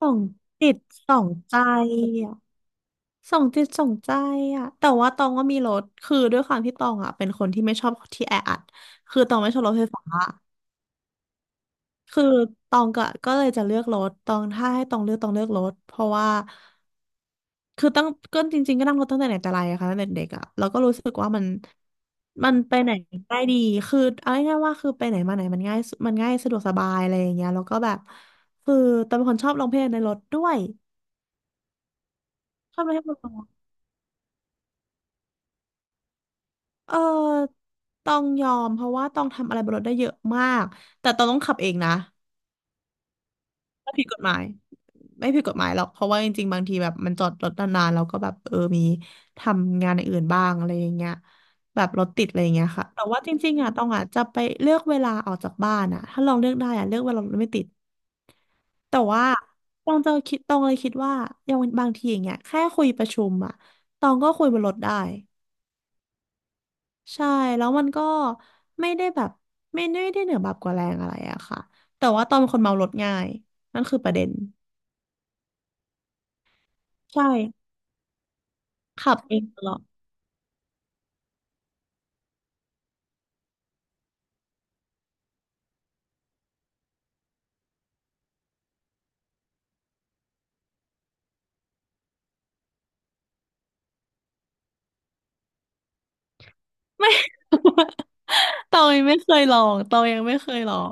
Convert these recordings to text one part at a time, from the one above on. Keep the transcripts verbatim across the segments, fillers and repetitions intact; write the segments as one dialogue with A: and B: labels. A: ส่องจิตส่องใจอ่ะส่องจิตส่องใจอ่ะแต่ว่าตองว่ามีรถคือด้วยความที่ตองอ่ะเป็นคนที่ไม่ชอบที่แออัดคือตองไม่ชอบรถไฟฟ้าคือตองก็ก็เลยจะเลือกรถตองถ้าให้ตองเลือกตองเลือกรถเพราะว่าคือตั้งก็จริงๆก็นั่งรถตั้งแต่ไหนแต่ไรอะค่ะตั้งแต่เด็กอะแล้วก็รู้สึกว่ามันมันไปไหนได้ดีคือเอาง่ายๆว่าคือไปไหนมาไหนมันง่ายสุดมันง่ายสะดวกสบายอะไรอย่างเงี้ยแล้วก็แบบคือตองเป็นคนชอบร้องเพลงในรถด้วยชอบร้องเพลงบนรถ เออต้องยอมเพราะว่าต้องทำอะไรบนรถได้เยอะมากแต่ต้องต้องขับเองนะไม่ผิดกฎหมายไม่ผิดกฎหมายหรอกเพราะว่าจริงๆบางทีแบบมันจอดรถนานๆแล้วก็แบบเออมีทำงานอย่างอื่นบ้างอะไรอย่างเงี้ยแบบรถติดอะไรอย่างเงี้ยค่ะแต่ว่าจริงๆอ่ะต้องอ่ะจะไปเลือกเวลาออกจากบ้านอ่ะถ้าลองเลือกได้อ่ะเลือกเวลารถไม่ติดแต่ว่าต้องจะคิดต้องเลยคิดว่าอย่างบางทีอย่างเงี้ยแค่คุยประชุมอ่ะตองก็คุยบนรถได้ ใช่แล้วมันก็ไม่ได้แบบไม่ได้ได้เหนือแบบกว่าแรงอะไรอะค่ะแต่ว่าตอนเป็นคนเมารถง่ายนั่นคือประเด็นใช่ขับเองตลอด ตองยังไม่เคยลองตองยังไม่เคยลอง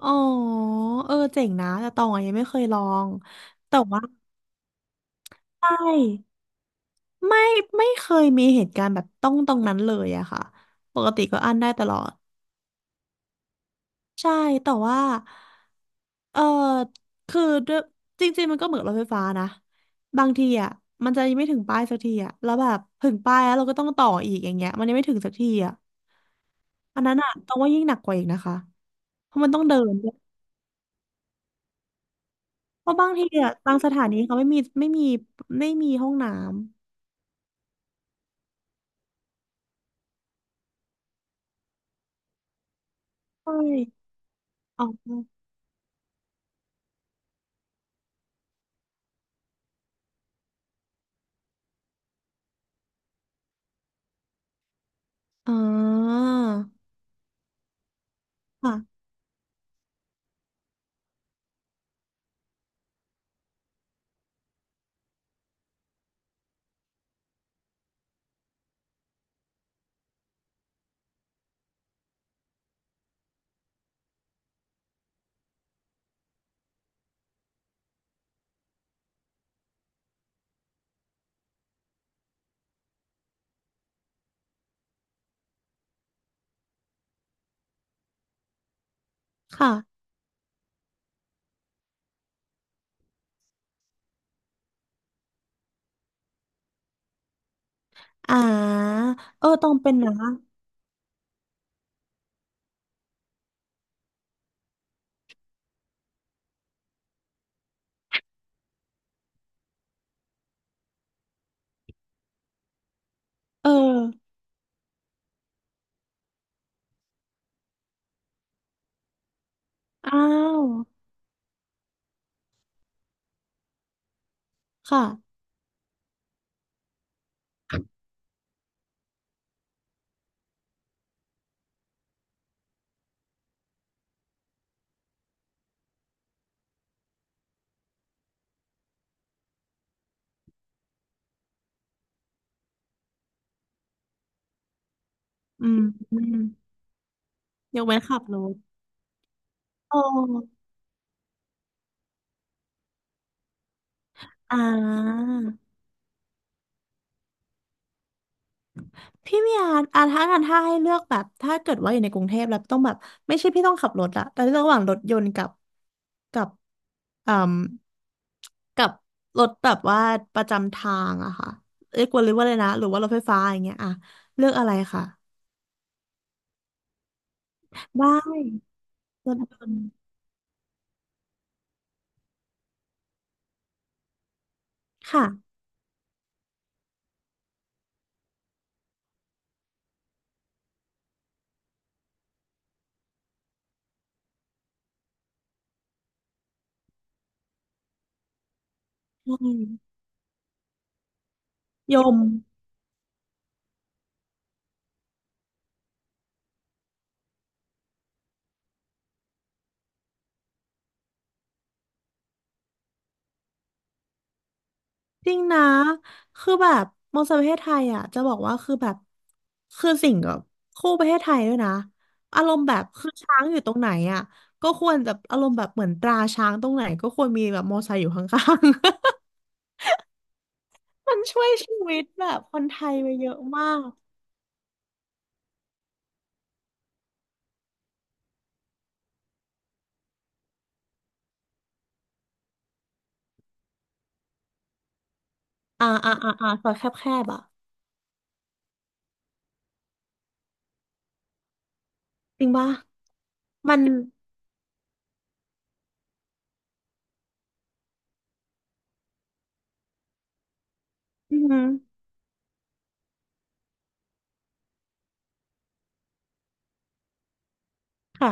A: อ๋อเออเจ๋งนะแต่ตองอะยังไม่เคยลองแต่ว่าใช่ไม่ไม่เคยมีเหตุการณ์แบบต้องตรงนั้นเลยอะค่ะปกติก็อั้นได้ตลอด ใช่แต่ว่าเออคือด้วยจริงๆมันก็เหมือนรถไฟฟ้านะบางทีอ่ะมันจะยังไม่ถึงป้ายสักทีอ่ะแล้วแบบถึงป้ายแล้วเราก็ต้องต่ออีกอย่างเงี้ยมันยังไม่ถึงสักทีอ่ะอันนั้นอ่ะต้องว่ายิ่งหนักกว่าอีกนะคะเพราะมันต้องเดินด้วยเพราะบางทีอ่ะบางสถานีเขาไม่มีไม่มีไม่มีห้องน้ำใช่อ๋ออ๋อค่ะค่ะอ่าเออต้องเป็นนะเอออ้าวค่ะอืม ยกเว้นขับรถโอ้อ่าพี่เมียอ่าถ้ากันถ้าให้เลือกแบบ ถ้าเกิดว่าอยู่ในกรุงเทพแล้วต้องแบบไม่ใช่พี่ต้องขับรถอะแต่เลือกระหว่างรถยนต์กับกับอืมกับรถแบบว่าประจำทางอะค่ะเรียกว่าหรือว่าอะไรนะ หรือว่ารถไฟฟ้าอย่างเงี้ยอะเลือกอะไรค่ะได้รถยนต์ค่ะใช่ยม จริงนะคือแบบมองสาวประเทศไทยอ่ะจะบอกว่าคือแบบคือสิ่งกับคู่ประเทศไทยด้วยนะอารมณ์แบบคือช้างอยู่ตรงไหนอ่ะก็ควรจะอารมณ์แบบเหมือนตราช้างตรงไหนก็ควรมีแบบมอไซค์อยู่ข้างๆ มันช่วยชีวิตแบบคนไทยไปเยอะมากอ่าอ่าอ่าอ่าซอยแคบๆอ่ะจริงป่ะมันอือหือค่ะ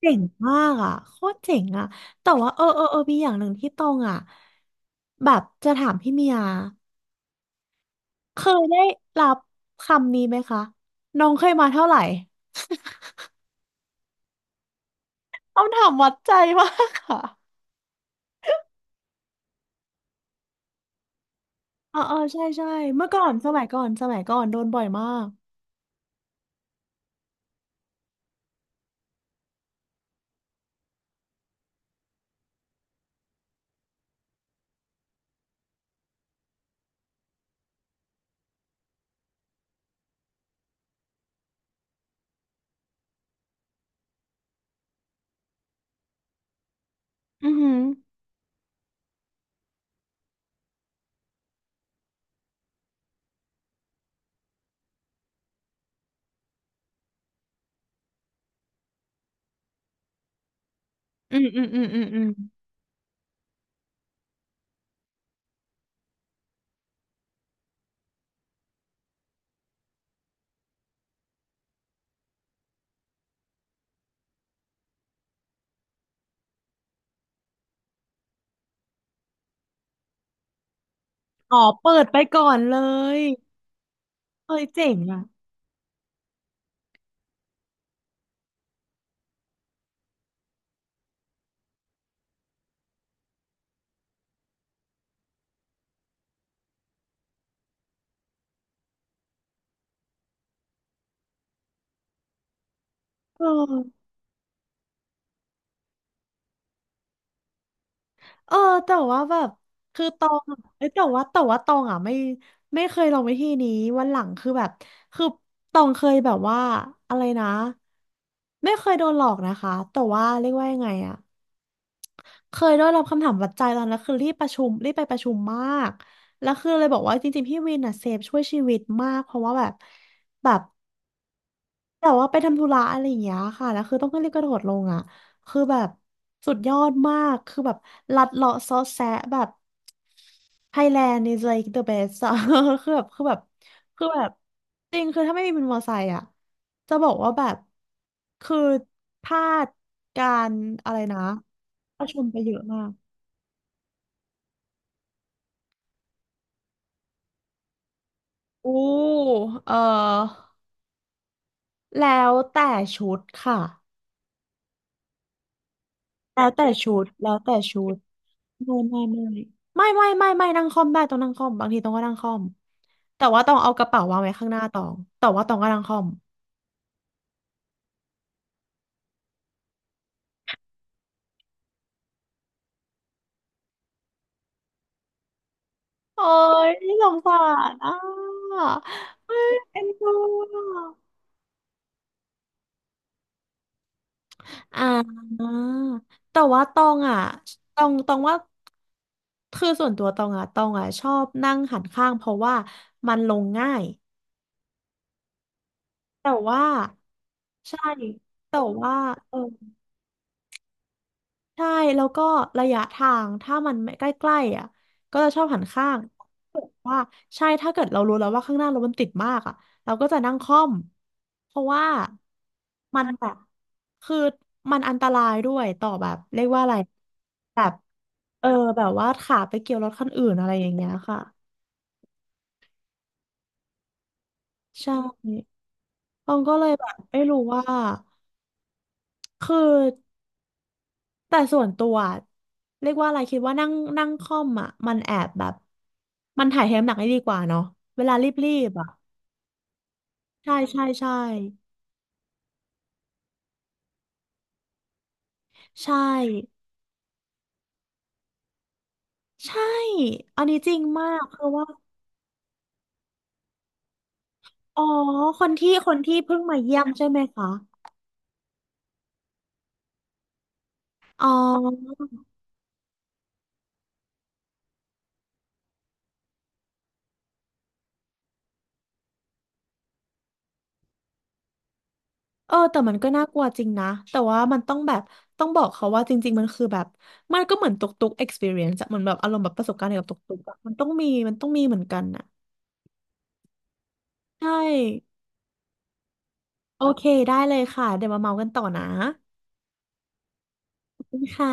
A: เจ๋งมากอ่ะโคตรเจ๋งอ่ะแต่ว่าเออเออเออมีอย่างหนึ่งที่ตองอ่ะแบบจะถามพี่เมีย เคยได้รับคำนี้ไหมคะน้องเคยมาเท่าไหร่คำถามวัดใจมากค่ะเออเออใช่ใช่เมื่อก่อนสมัยก่อนสมัยก่อนโดนบ่อยมากอือหืออืมอืมอืมอืมอืมอ๋อเปิดไปก่อนเลยเฮ้ยเจ๋งอ่ะเออเออแต่ว่าแบบคือตองอะเอ้ยแต่ว่าแต่ว่าตองอ่ะไม่ไม่เคยลองวิธีนี้วันหลังคือแบบคือตองเคยแบบว่าอะไรนะไม่เคยโดนหลอกนะคะแต่ว่าเรียกว่ายังไงอะ เคยได้รับคำถามวัดใจตอนนั้นคือรีบประชุมรีบไปประชุมมากแล้วคือเลยบอกว่าจริงๆพี่วินอ่ะเซฟช่วยชีวิตมากเพราะว่าแบบแบบแต่ว่าไปทำธุระอะไรอย่างเงี้ยค่ะแล้วคือต้องรีบกระโดดลงอ่ะคือแบบสุดยอดมากคือแบบลัดเลาะซอแซะแบบ Thailand is like the best อะ คือแบบคือแบบคือแบบจริงคือถ้าไม่มีเป็นมอไซค์อะจะบอกว่าแบบคือพลาดการอะไรนะประชุมไปเยอะมาก อู้เออแล้วแต่ชุดค่ะแล้วแต่ชุดแล้วแต่ชุดไม่ไม่ไม่ไม่ไม่ไม่ไม่นั่งคล่อมได้ต้องนั่งคล่อมบางทีต้องก็นั่งคล่อมแต่ว่าต้องเอากระเป๋าวางไว้ข้างหน้าตองแต่ว่าตองก็นั่งคล่อมโอ้ยสงสารอ่ะเอ้ยเอ็นดูอะอ่าแต่ว่าตองอ่ะตองตองว่าคือส่วนตัวตองอ่ะตองอ่ะชอบนั่งหันข้างเพราะว่ามันลงง่าย แต่ว่าใช่แต่ว่าเออใช่แล้วก็ระยะทางถ้ามันไม่ใกล้ๆอ่ะก็จะชอบหันข้างว่าใช่ถ้าเกิดเรารู้แล้วว่าข้างหน้ารถมันติดมากอ่ะเราก็จะนั่งค่อมเพราะว่ามันแบบคือมันอันตรายด้วยต่อแบบเรียกว่าอะไรแบบเออแบบว่าขาไปเกี่ยวรถคันอื่นอะไรอย่างเงี้ยค่ะใช่ต้องก็เลยแบบไม่รู้ว่าคือ แต่ส่วนตัวอะเรียกว่าอะไรคิดว่านั่งนั่งคล่อมอ่ะมันแอบแบบมันถ่ายเทน้ำหนักได้ดีกว่าเนาะเวลารีบๆอ่ะใช่ใช่ใช่ใช่ใช่อันนี้จริงมากคือว่าอ๋อคนที่คนที่เพิ่งมาเยี่ยมใช่ไหมคะอ๋อเออแต่มันก็น่ากลัวจริงนะแต่ว่ามันต้องแบบต้องบอกเขาว่าจริงๆมันคือแบบมันก็เหมือนตุ๊กตุ๊ก experience อะเหมือนแบบอารมณ์แบบประสบการณ์เกี่ยวกับตุ๊กตุ๊กอะมันต้องมีมันต้องมีเหมือนกันอะใช่ โอเคได้เลยค่ะเดี๋ยวมาเมากันต่อนะขอบคุณค่ะ